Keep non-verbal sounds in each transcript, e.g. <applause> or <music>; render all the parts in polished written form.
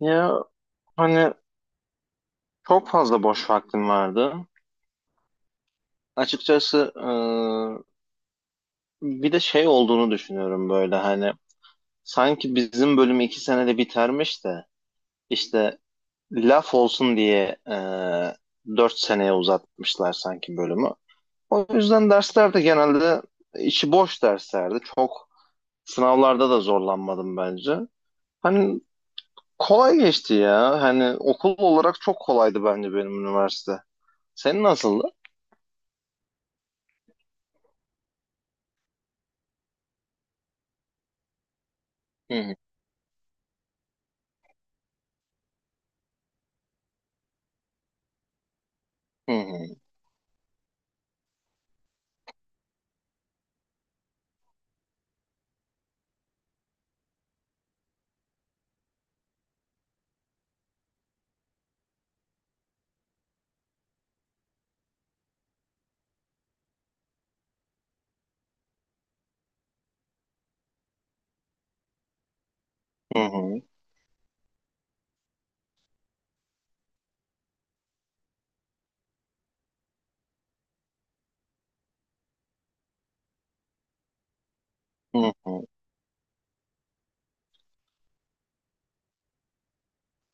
Ya, hani çok fazla boş vaktim vardı. Açıkçası bir de şey olduğunu düşünüyorum böyle hani sanki bizim bölüm 2 senede bitermiş de işte laf olsun diye 4 seneye uzatmışlar sanki bölümü. O yüzden derslerde genelde içi boş derslerdi. Çok sınavlarda da zorlanmadım bence. Hani kolay geçti ya. Hani okul olarak çok kolaydı bence benim üniversite. Senin nasıldı? Hı hı. Hı hı. Hı hı, hı hı.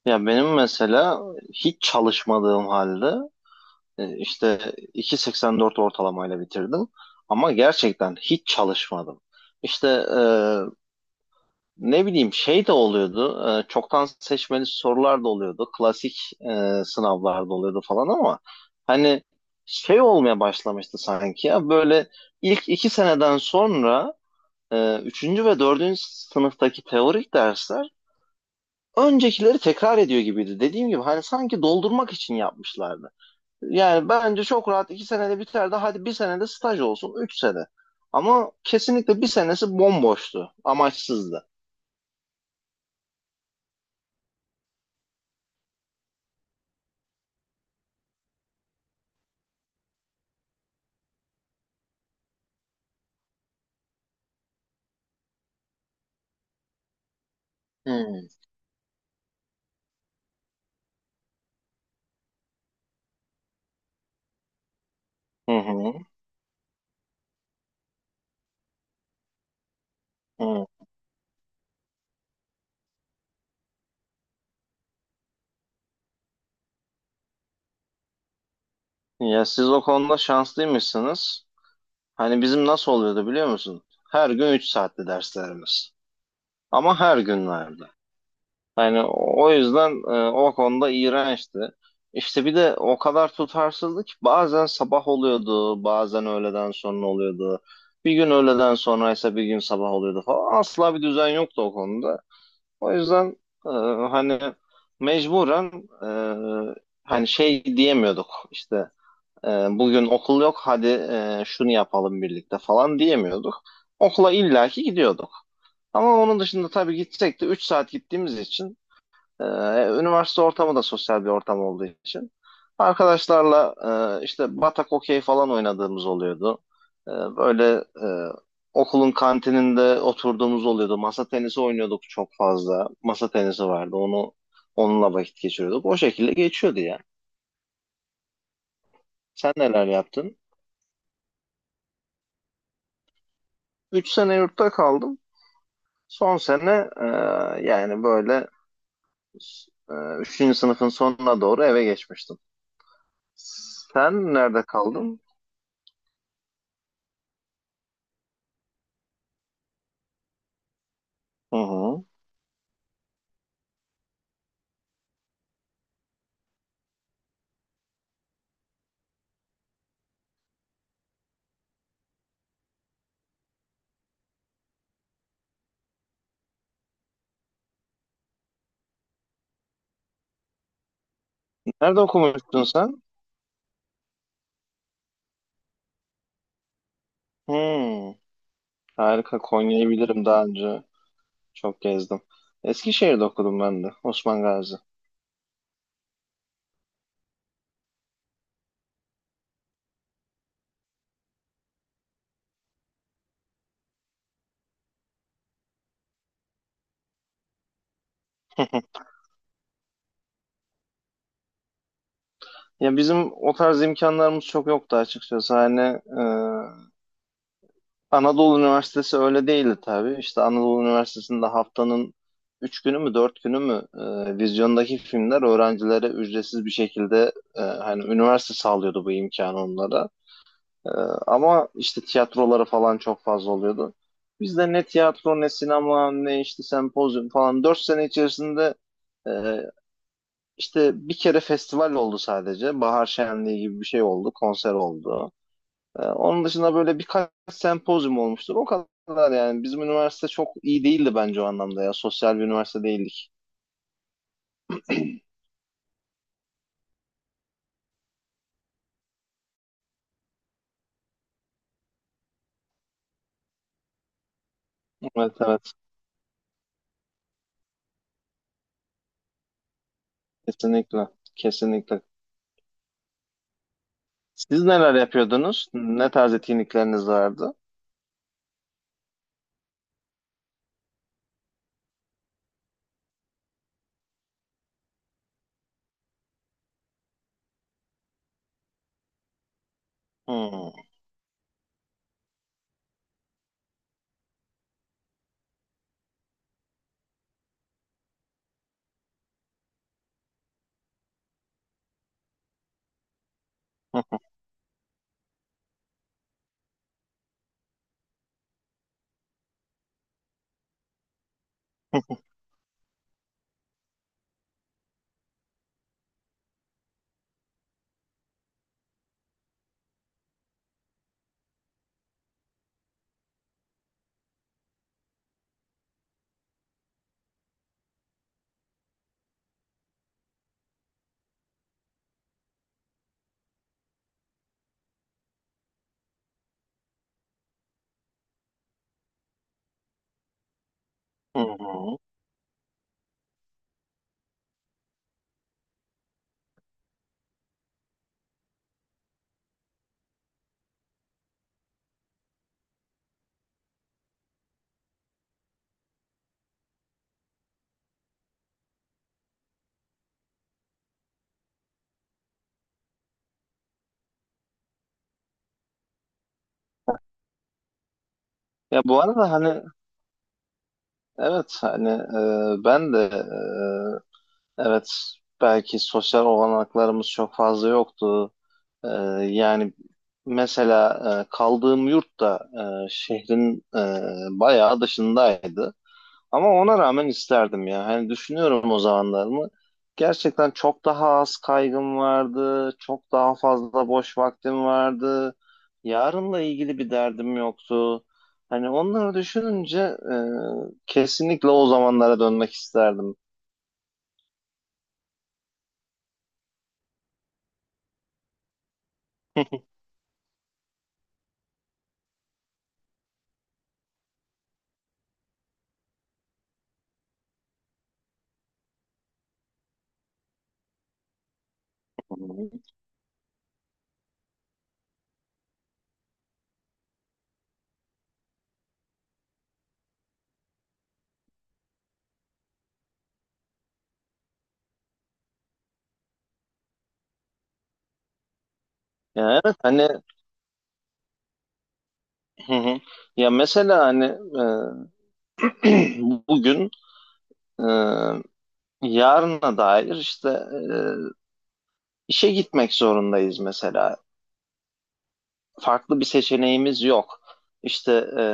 Ya, benim mesela hiç çalışmadığım halde işte 2,84 ortalamayla bitirdim. Ama gerçekten hiç çalışmadım. İşte ne bileyim şey de oluyordu. Çoktan seçmeli sorular da oluyordu. Klasik sınavlar da oluyordu falan ama hani şey olmaya başlamıştı sanki ya böyle ilk 2 seneden sonra üçüncü ve dördüncü sınıftaki teorik dersler öncekileri tekrar ediyor gibiydi. Dediğim gibi hani sanki doldurmak için yapmışlardı. Yani bence çok rahat 2 senede biterdi. Hadi bir senede staj olsun. 3 sene. Ama kesinlikle bir senesi bomboştu. Amaçsızdı. Hmm. Hı hı. Hı. Ya, siz o konuda şanslıymışsınız. Hani bizim nasıl oluyordu biliyor musun? Her gün 3 saatli derslerimiz. Ama her gün vardı. Hani o yüzden o konuda iğrençti. İşte bir de o kadar tutarsızdı ki bazen sabah oluyordu, bazen öğleden sonra oluyordu. Bir gün öğleden sonraysa bir gün sabah oluyordu falan. Asla bir düzen yoktu o konuda. O yüzden e, hani mecburen e, hani şey diyemiyorduk işte bugün okul yok, hadi şunu yapalım birlikte falan diyemiyorduk. Okula illaki gidiyorduk. Ama onun dışında tabii gitsek de 3 saat gittiğimiz için ee, üniversite ortamı da sosyal bir ortam olduğu için arkadaşlarla işte batak okey falan oynadığımız oluyordu. Böyle okulun kantininde oturduğumuz oluyordu. Masa tenisi oynuyorduk çok fazla. Masa tenisi vardı. Onu onunla vakit geçiriyorduk. O şekilde geçiyordu ya. Sen neler yaptın? 3 sene yurtta kaldım. Son sene yani böyle e, üçüncü sınıfın sonuna doğru eve geçmiştim. Sen nerede kaldın? Hı hı. Nerede okumuştun sen? Hmm, harika. Konya'yı bilirim daha önce. Çok gezdim. Eskişehir'de okudum ben de. Osman Gazi. <laughs> Ya, bizim o tarz imkanlarımız çok yoktu açıkçası. Hani e, Anadolu Üniversitesi öyle değildi tabii. İşte Anadolu Üniversitesi'nde haftanın 3 günü mü 4 günü mü vizyondaki filmler öğrencilere ücretsiz bir şekilde hani üniversite sağlıyordu bu imkanı onlara. Ee, ama işte tiyatroları falan çok fazla oluyordu. Biz de ne tiyatro ne sinema ne işte sempozyum falan 4 sene içerisinde e, işte bir kere festival oldu sadece. Bahar Şenliği gibi bir şey oldu. Konser oldu. Onun dışında böyle birkaç sempozyum olmuştur. O kadar yani. Bizim üniversite çok iyi değildi bence o anlamda ya. Sosyal bir üniversite değildik. Evet, evet. Kesinlikle. Kesinlikle. Siz neler yapıyordunuz? Ne tarz etkinlikleriniz vardı? Hmm. <laughs> Ya, bu arada hani evet hani ben de evet belki sosyal olanaklarımız çok fazla yoktu. E, yani mesela kaldığım yurt da şehrin bayağı dışındaydı. Ama ona rağmen isterdim ya. Hani düşünüyorum o zamanlarımı. Gerçekten çok daha az kaygım vardı. Çok daha fazla boş vaktim vardı. Yarınla ilgili bir derdim yoktu. Hani onları düşününce e, kesinlikle o zamanlara dönmek isterdim. <laughs> Ya, evet hani, hı hı. Ya mesela hani e, <clears throat> bugün e, yarına dair işte işe gitmek zorundayız mesela. Farklı bir seçeneğimiz yok. İşte e,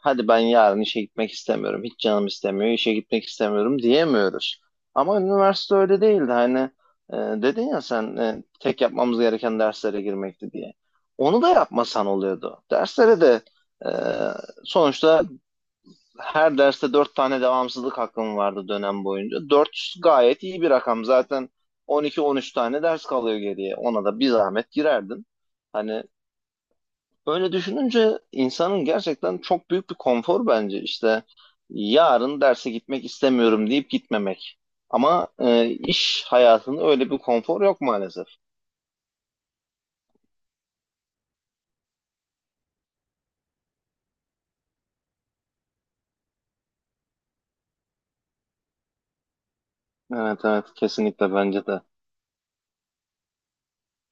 hadi ben yarın işe gitmek istemiyorum, hiç canım istemiyor, işe gitmek istemiyorum diyemiyoruz. Ama üniversite öyle değildi. Hani dedin ya sen tek yapmamız gereken derslere girmekti diye. Onu da yapmasan oluyordu. Derslere de e, sonuçta her derste 4 tane devamsızlık hakkım vardı dönem boyunca. Dört gayet iyi bir rakam. Zaten 12-13 tane ders kalıyor geriye. Ona da bir zahmet girerdin. Hani böyle düşününce insanın gerçekten çok büyük bir konfor bence işte yarın derse gitmek istemiyorum deyip gitmemek. Ama iş hayatında öyle bir konfor yok maalesef. Evet, evet, kesinlikle bence de.